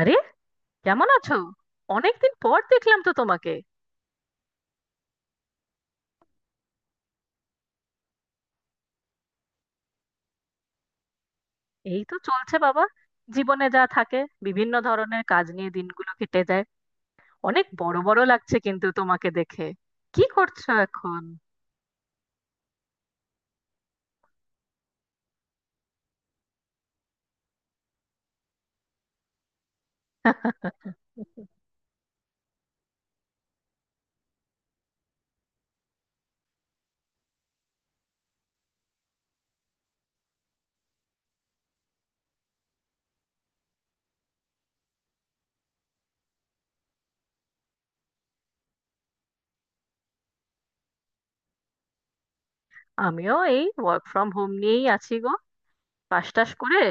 আরে, কেমন আছো? অনেকদিন পর দেখলাম তো তোমাকে। এই তো চলছে বাবা। জীবনে যা থাকে, বিভিন্ন ধরনের কাজ নিয়ে দিনগুলো কেটে যায়। অনেক বড় বড় লাগছে কিন্তু তোমাকে দেখে। কি করছো এখন? আমিও এই ওয়ার্ক ফ্রম হোম নিয়েই আছি গো। পাশ টাশ করে,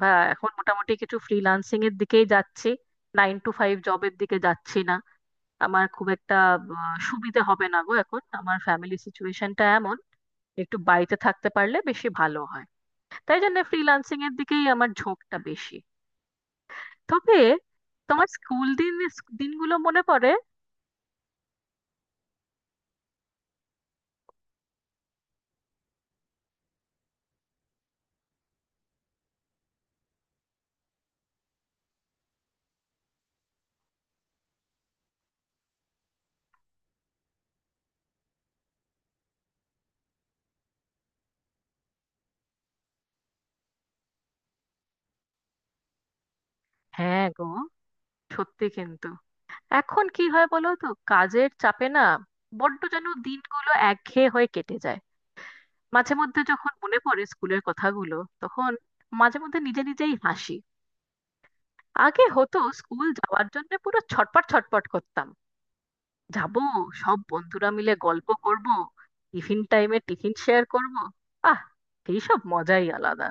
বা এখন মোটামুটি কিছু ফ্রিল্যান্সিং এর দিকেই যাচ্ছি। নাইন টু ফাইভ জবের দিকে যাচ্ছি না। আমার খুব একটা সুবিধে হবে না গো, এখন আমার ফ্যামিলি সিচুয়েশনটা এমন একটু বাড়িতে থাকতে পারলে বেশি ভালো হয়। তাই জন্য ফ্রিল্যান্সিং এর দিকেই আমার ঝোঁকটা বেশি। তবে তোমার স্কুল দিন, দিনগুলো মনে পড়ে? হ্যাঁ গো, সত্যি কিন্তু। এখন কি হয় বলো তো, কাজের চাপে না বড্ড যেন দিনগুলো একঘেয়ে হয়ে কেটে যায়। মাঝে মধ্যে যখন মনে পড়ে স্কুলের কথাগুলো, তখন মাঝে মধ্যে নিজে নিজেই হাসি। আগে হতো স্কুল যাওয়ার জন্য পুরো ছটপট ছটপট করতাম। যাব, সব বন্ধুরা মিলে গল্প করব, টিফিন টাইমে টিফিন শেয়ার করব। আহ এইসব মজাই আলাদা।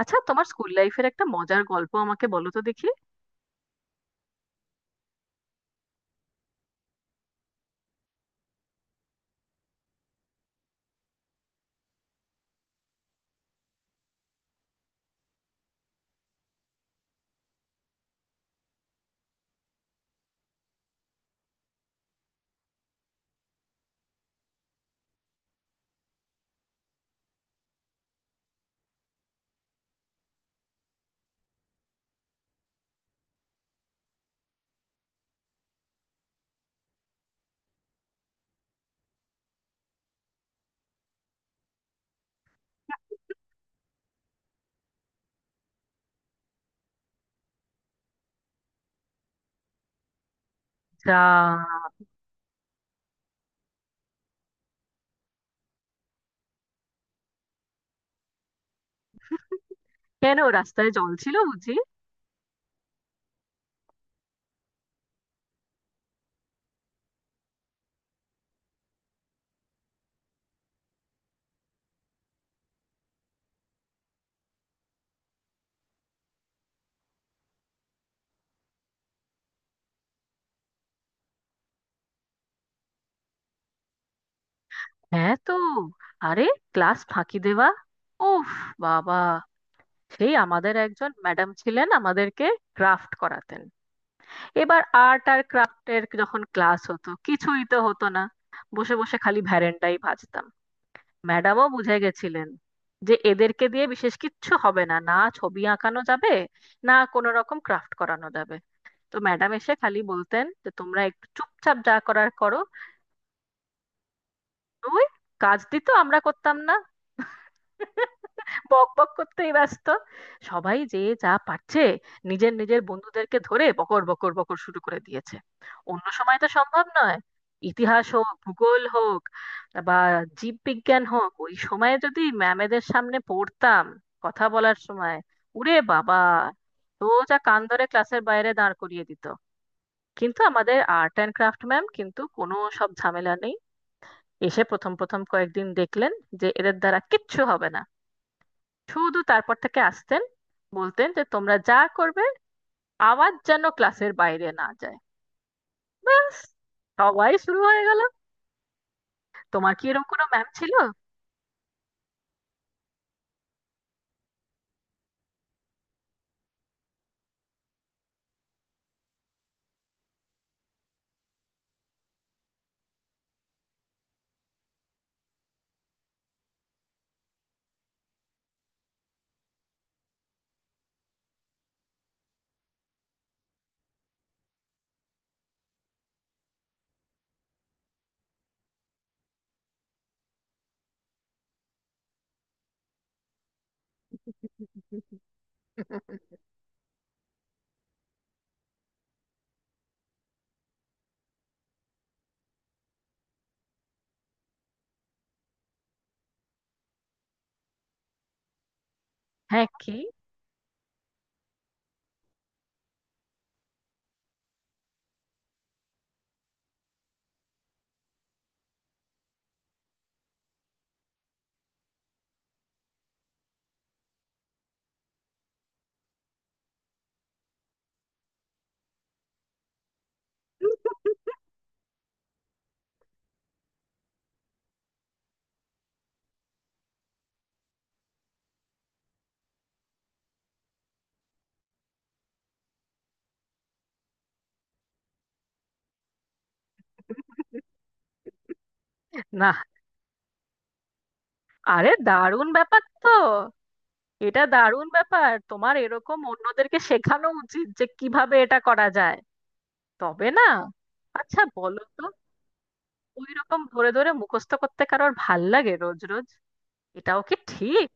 আচ্ছা, তোমার স্কুল লাইফের একটা মজার গল্প আমাকে বলো তো দেখি। যা! কেন, রাস্তায় জল ছিল বুঝি? হ্যাঁ তো। আরে, ক্লাস ফাঁকি দেওয়া, উফ বাবা! সেই আমাদের একজন ম্যাডাম ছিলেন, আমাদেরকে ক্রাফট করাতেন। এবার আর্ট আর ক্রাফটের যখন ক্লাস হতো, কিছুই তো হতো না। বসে বসে খালি ভ্যারেন্ডাই ভাজতাম। ম্যাডামও বুঝে গেছিলেন যে এদেরকে দিয়ে বিশেষ কিচ্ছু হবে না, না ছবি আঁকানো যাবে, না কোনো রকম ক্রাফট করানো যাবে। তো ম্যাডাম এসে খালি বলতেন যে তোমরা একটু চুপচাপ যা করার করো। ওই, কাজ দিত আমরা করতাম না, বক বক করতেই ব্যস্ত। সবাই যে যা পারছে নিজের নিজের বন্ধুদেরকে ধরে বকর বকর বকর শুরু করে দিয়েছে। অন্য সময় তো সম্ভব নয়, ইতিহাস হোক ভূগোল হোক বা জীববিজ্ঞান হোক, ওই সময়ে যদি ম্যামেদের সামনে পড়তাম কথা বলার সময়, উরে বাবা! তো যা কান ধরে ক্লাসের বাইরে দাঁড় করিয়ে দিত। কিন্তু আমাদের আর্ট অ্যান্ড ক্রাফট ম্যাম কিন্তু কোনো সব ঝামেলা নেই। এসে প্রথম প্রথম কয়েকদিন দেখলেন যে এদের দ্বারা কিচ্ছু হবে না, শুধু তারপর থেকে আসতেন, বলতেন যে তোমরা যা করবে আওয়াজ যেন ক্লাসের বাইরে না যায়, ব্যাস। সবাই শুরু হয়ে গেল। তোমার কি এরকম কোনো ম্যাম ছিল? হ্যাঁ কি, না। আরে দারুণ ব্যাপার তো! এটা দারুণ ব্যাপার, তোমার এরকম অন্যদেরকে শেখানো উচিত যে কিভাবে এটা করা যায়। তবে না, আচ্ছা বলো তো, ওই রকম ধরে ধরে মুখস্থ করতে কারোর ভাল লাগে রোজ রোজ? এটাও কি ঠিক?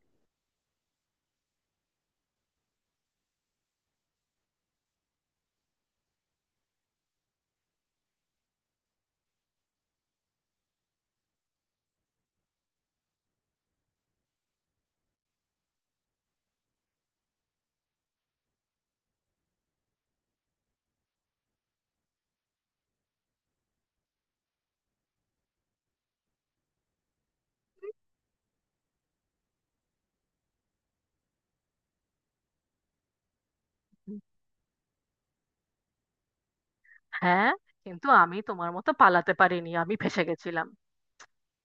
হ্যাঁ, কিন্তু আমি তোমার মতো পালাতে পারিনি, আমি ফেঁসে গেছিলাম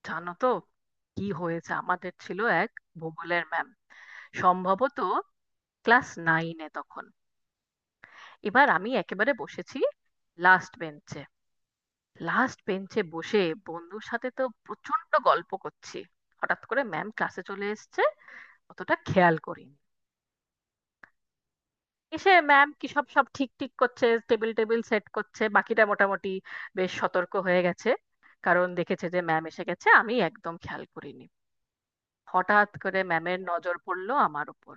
জানো তো। কি হয়েছে, আমাদের ছিল এক ভূগোলের ম্যাম, সম্ভবত ক্লাস নাইনে তখন। এবার আমি একেবারে বসেছি লাস্ট বেঞ্চে। লাস্ট বেঞ্চে বসে বন্ধুর সাথে তো প্রচন্ড গল্প করছি। হঠাৎ করে ম্যাম ক্লাসে চলে এসেছে, অতটা খেয়াল করি। এসে ম্যাম কি সব সব ঠিক ঠিক করছে, টেবিল টেবিল সেট করছে, বাকিটা মোটামুটি বেশ সতর্ক হয়ে গেছে কারণ দেখেছে যে ম্যাম এসে গেছে, আমি একদম খেয়াল করিনি। হঠাৎ করে ম্যামের নজর পড়লো আমার উপর।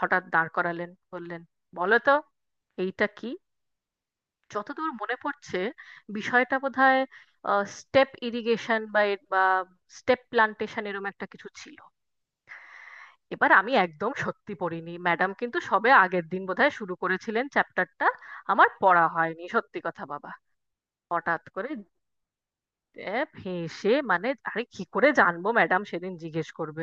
হঠাৎ দাঁড় করালেন, বললেন বলো তো এইটা কি। যতদূর মনে পড়ছে বিষয়টা বোধহয় স্টেপ ইরিগেশন বা বা স্টেপ প্লান্টেশন এরকম একটা কিছু ছিল। এবার আমি একদম সত্যি পড়িনি ম্যাডাম, কিন্তু সবে আগের দিন বোধহয় শুরু করেছিলেন চ্যাপ্টারটা। আমার পড়া হয়নি সত্যি কথা বাবা। হঠাৎ করে, এ, ফেঁসে মানে আরে কি করে জানবো ম্যাডাম সেদিন জিজ্ঞেস করবে।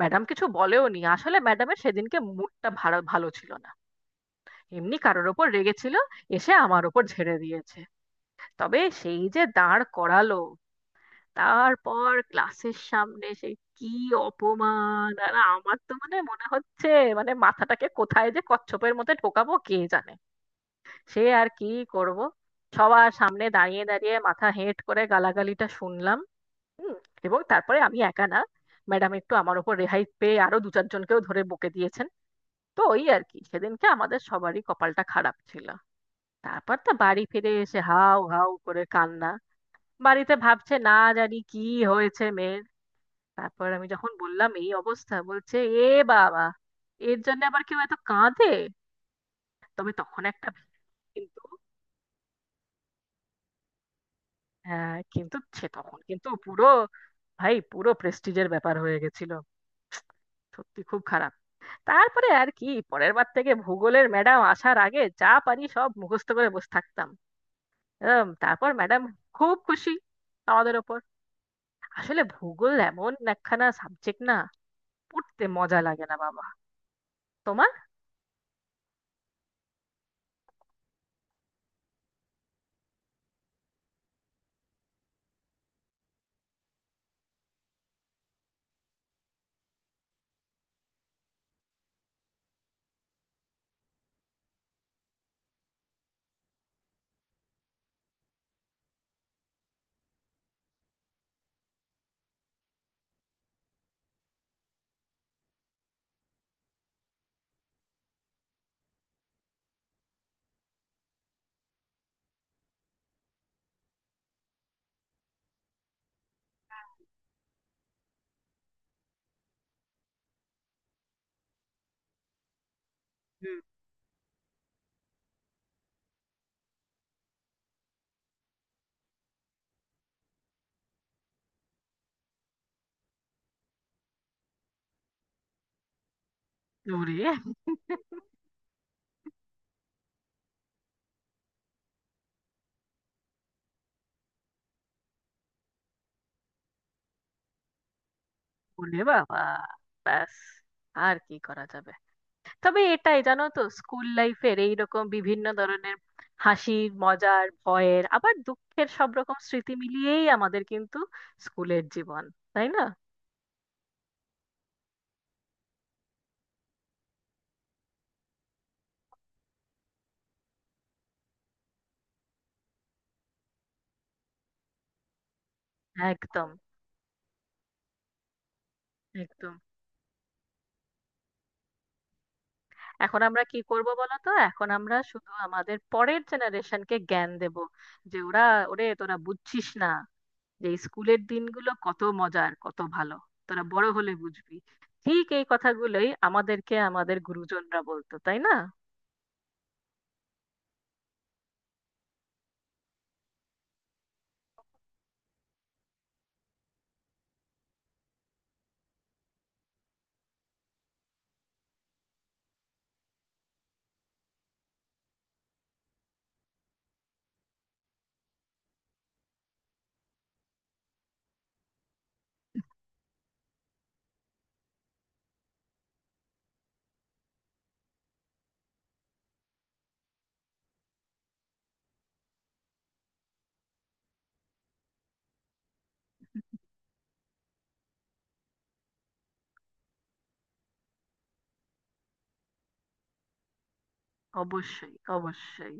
ম্যাডাম কিছু বলেও নি, আসলে ম্যাডামের সেদিনকে মুডটা ভালো ভালো ছিল না, এমনি কারোর ওপর রেগেছিল, এসে আমার ওপর ঝেড়ে দিয়েছে। তবে সেই যে দাঁড় করালো, তারপর ক্লাসের সামনে সে কি অপমান! আর আমার তো মানে মনে হচ্ছে মানে মাথাটাকে কোথায় যে কচ্ছপের মধ্যে ঢোকাবো কে জানে। সে আর কি করব, সবার সামনে দাঁড়িয়ে দাঁড়িয়ে মাথা হেঁট করে গালাগালিটা শুনলাম। হুম। এবং তারপরে আমি একা না, ম্যাডাম একটু আমার উপর রেহাই পেয়ে আরো দু চারজনকেও ধরে বকে দিয়েছেন। তো ওই আর কি, সেদিনকে আমাদের সবারই কপালটা খারাপ ছিল। তারপর তো বাড়ি ফিরে এসে হাউ হাউ করে কান্না। বাড়িতে ভাবছে না জানি কি হয়েছে মেয়ের। তারপর আমি যখন বললাম এই অবস্থা, বলছে এ বাবা, এর জন্য আবার কেউ এত কাঁদে! তবে তখন একটা কিন্তু। হ্যাঁ কিন্তু সে তখন কিন্তু পুরো, ভাই পুরো প্রেস্টিজের ব্যাপার হয়ে গেছিল, সত্যি খুব খারাপ। তারপরে আর কি, পরের বার থেকে ভূগোলের ম্যাডাম আসার আগে যা পারি সব মুখস্থ করে বসে থাকতাম। তারপর ম্যাডাম খুব খুশি আমাদের ওপর। আসলে ভূগোল এমন একখানা সাবজেক্ট না, পড়তে মজা লাগে না বাবা। তোমার? হুম। ওরে, ওরে বাবা, ব্যাস আর কি করা যাবে। তবে এটাই জানো তো, স্কুল লাইফের এইরকম বিভিন্ন ধরনের হাসির, মজার, ভয়ের, আবার দুঃখের, সব রকম স্মৃতি মিলিয়েই আমাদের কিন্তু স্কুলের জীবন, তাই না? একদম। একদম। এখন আমরা কি করব বলো তো, এখন আমরা শুধু আমাদের পরের জেনারেশনকে জ্ঞান দেব যে ওরা, ওরে তোরা বুঝছিস না যে স্কুলের দিনগুলো কত মজার, কত ভালো, তোরা বড় হলে বুঝবি। ঠিক এই কথাগুলোই আমাদেরকে আমাদের গুরুজনরা বলতো তাই না। অবশ্যই, অবশ্যই।